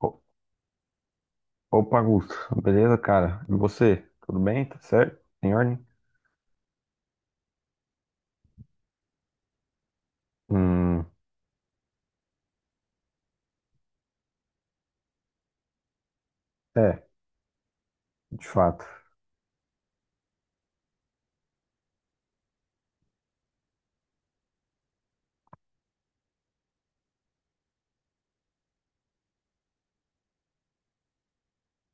O- Opa, Augusto. Beleza, cara? E você? Tudo bem? Tá certo? Em ordem? Hum, é, de fato.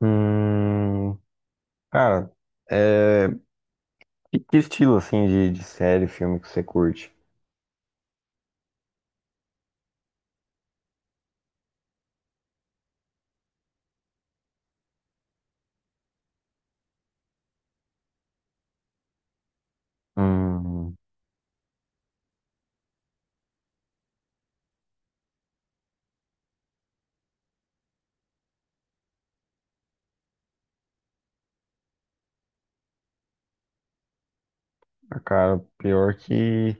Hum. Cara, é, que estilo, assim, de série, filme que você curte? Hum. Ah, cara, pior que.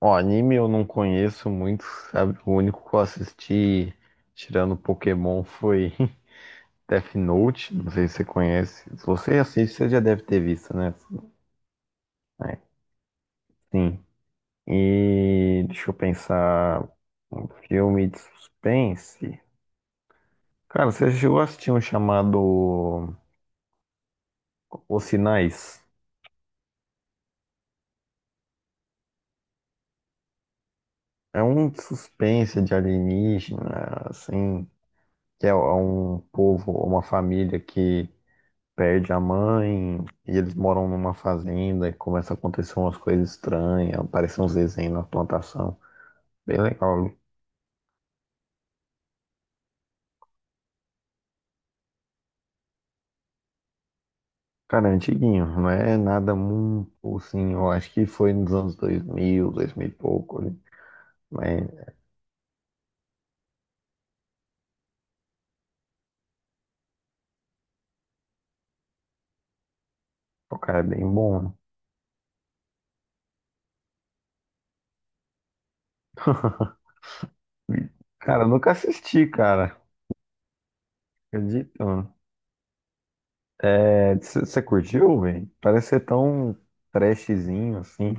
Ó, anime eu não conheço muito, sabe? O único que eu assisti, tirando Pokémon, foi Death Note. Não sei se você conhece. Se você assiste, você já deve ter visto, né? É, sim. E deixa eu pensar. Um filme de suspense. Cara, você chegou a assistir um chamado Os Sinais? É um de suspense de alienígena, assim, que é um povo, uma família que perde a mãe e eles moram numa fazenda e começa a acontecer umas coisas estranhas, aparecem uns desenhos na plantação. Bem legal. Cara, é antiguinho, não é nada muito assim, eu acho que foi nos anos 2000, 2000 e pouco, né? Mas, pô, cara, é bem bom, né? Cara, eu nunca assisti, cara. Acredito, mano. É, você curtiu, velho? Parece ser tão trashzinho assim.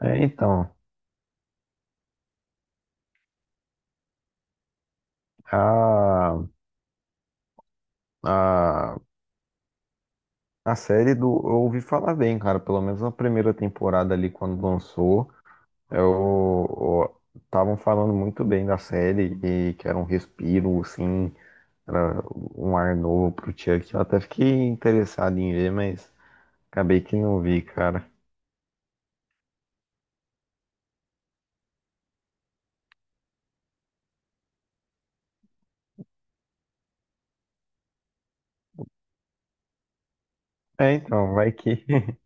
É, então, a, a, a série do. Eu ouvi falar bem, cara. Pelo menos na primeira temporada ali, quando lançou, eu. Estavam falando muito bem da série e que era um respiro, assim, era um ar novo pro Chuck. Eu até fiquei interessado em ver, mas. Acabei que não vi, cara. É, então, vai que.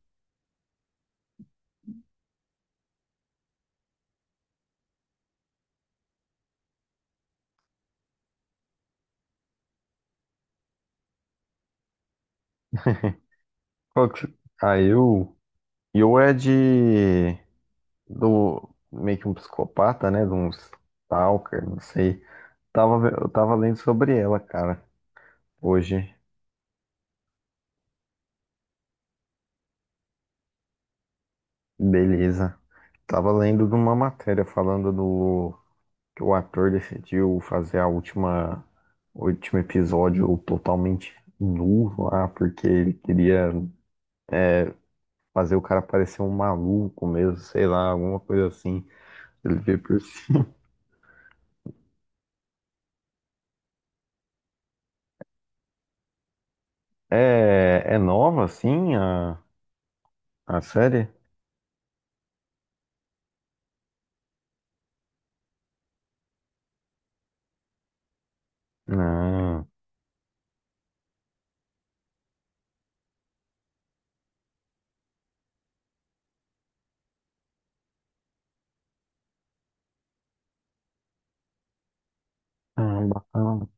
Qual que- A Yu. Yu é de. Do. Meio que um psicopata, né? De um stalker, não sei. Eu tava lendo sobre ela, cara. Hoje. Beleza. Tava lendo de uma matéria falando do. Que o ator decidiu fazer a última. O último episódio totalmente nu lá, porque ele queria fazer o cara parecer um maluco mesmo, sei lá, alguma coisa assim. Ele veio por. É nova, assim, a série? Ah, ah, bacana.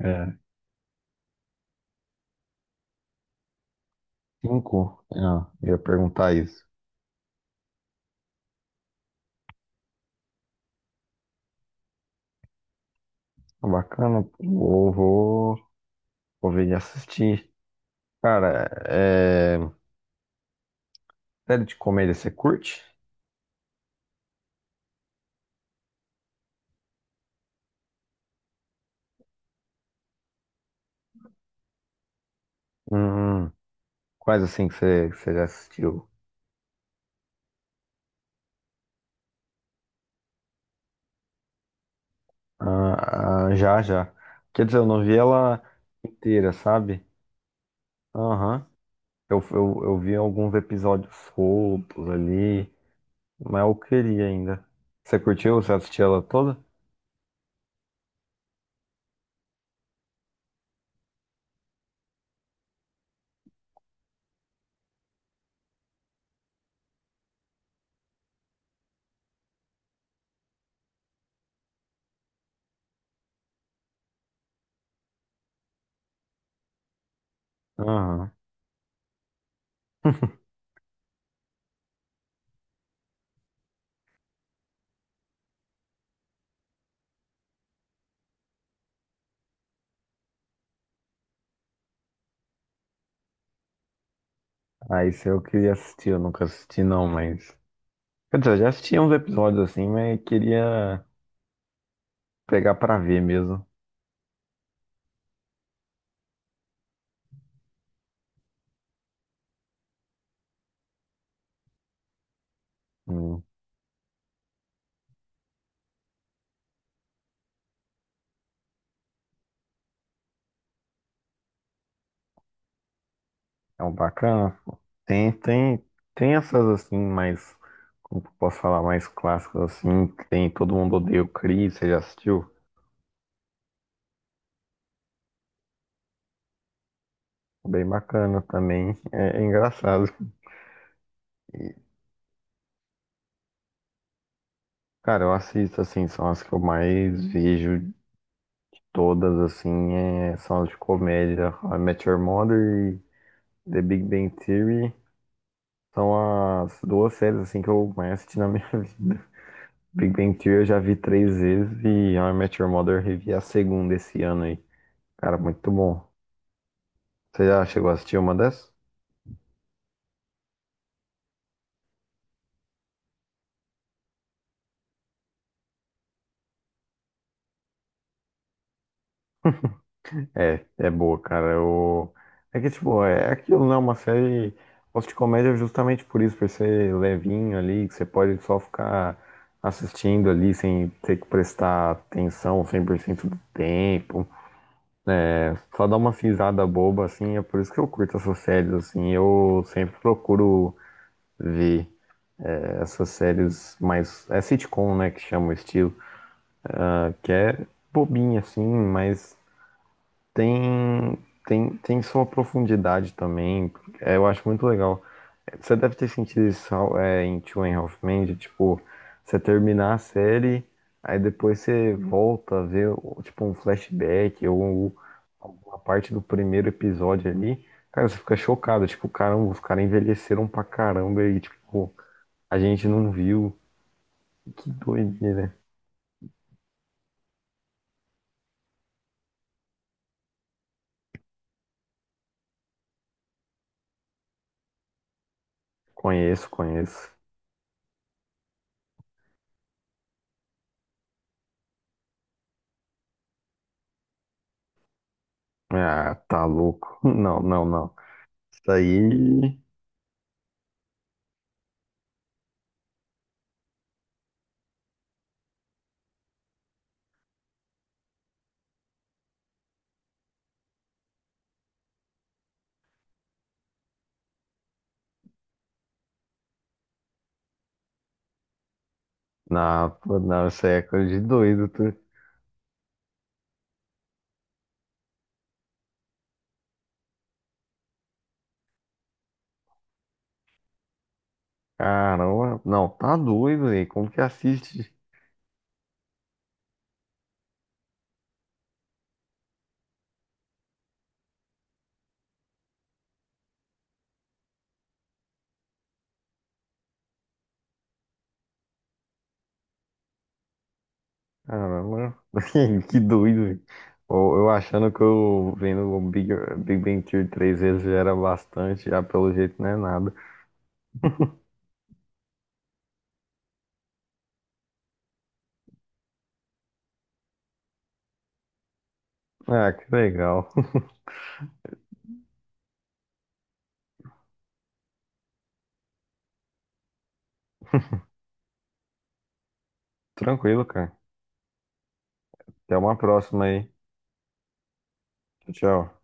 É, cinco. Ah, eu ia perguntar isso. Ah, bacana, vou ver e assistir. Cara, é, série de comédia você curte? Hum. Quais assim que você já assistiu? Ah, ah, já, já. Quer dizer, eu não vi ela inteira, sabe? Aham. Eu vi alguns episódios soltos ali. Mas eu queria ainda. Você curtiu? Você assistiu ela toda? Aham. Ah, isso eu queria assistir, eu nunca assisti não, mas. Quer dizer, eu já assisti uns episódios assim, mas queria pegar pra ver mesmo. Hum. É um bacana, pô. Tem, tem, tem essas assim, mais. Como que eu posso falar, mais clássicas assim, que tem Todo Mundo Odeia o Chris, você já assistiu? Bem bacana também. É, é engraçado. E, cara, eu assisto assim, são as que eu mais vejo. Todas, assim, é, são de comédia. A Met Your Mother e The Big Bang Theory são as duas séries, assim, que eu mais assisti na minha vida. Big Bang Theory eu já vi três vezes e A Met Your Mother eu revi a segunda esse ano aí. Cara, muito bom. Você já chegou a assistir uma dessas? É, é boa, cara. Eu. É que, tipo, é aquilo, né? Uma série gosto de comédia justamente por isso, por ser levinho ali, que você pode só ficar assistindo ali sem ter que prestar atenção 100% do tempo. Só dar uma risada boba, assim. É por isso que eu curto essas séries, assim. Eu sempre procuro ver essas séries mais. É sitcom, né? Que chama o estilo. Que é bobinha, assim, mas Tem, tem sua profundidade também. É, eu acho muito legal. Você deve ter sentido isso é, em Two and a Half Men, de, tipo, você terminar a série, aí depois você volta a ver, tipo, um flashback ou alguma parte do primeiro episódio ali. Cara, você fica chocado, tipo, caramba, os caras envelheceram pra caramba e, tipo, a gente não viu. Que doideira. Conheço, conheço. Ah, tá louco. Não, não, não. Isso aí. Não, pô, não, isso aí é coisa de doido, tu. Caramba, não, tá doido, velho. Como que assiste? Caramba, que doido, velho. Eu achando que eu vendo o Big Bang Theory três vezes já era bastante, já pelo jeito não é nada. Ah, que legal. Tranquilo, cara. Até uma próxima aí. Tchau, tchau.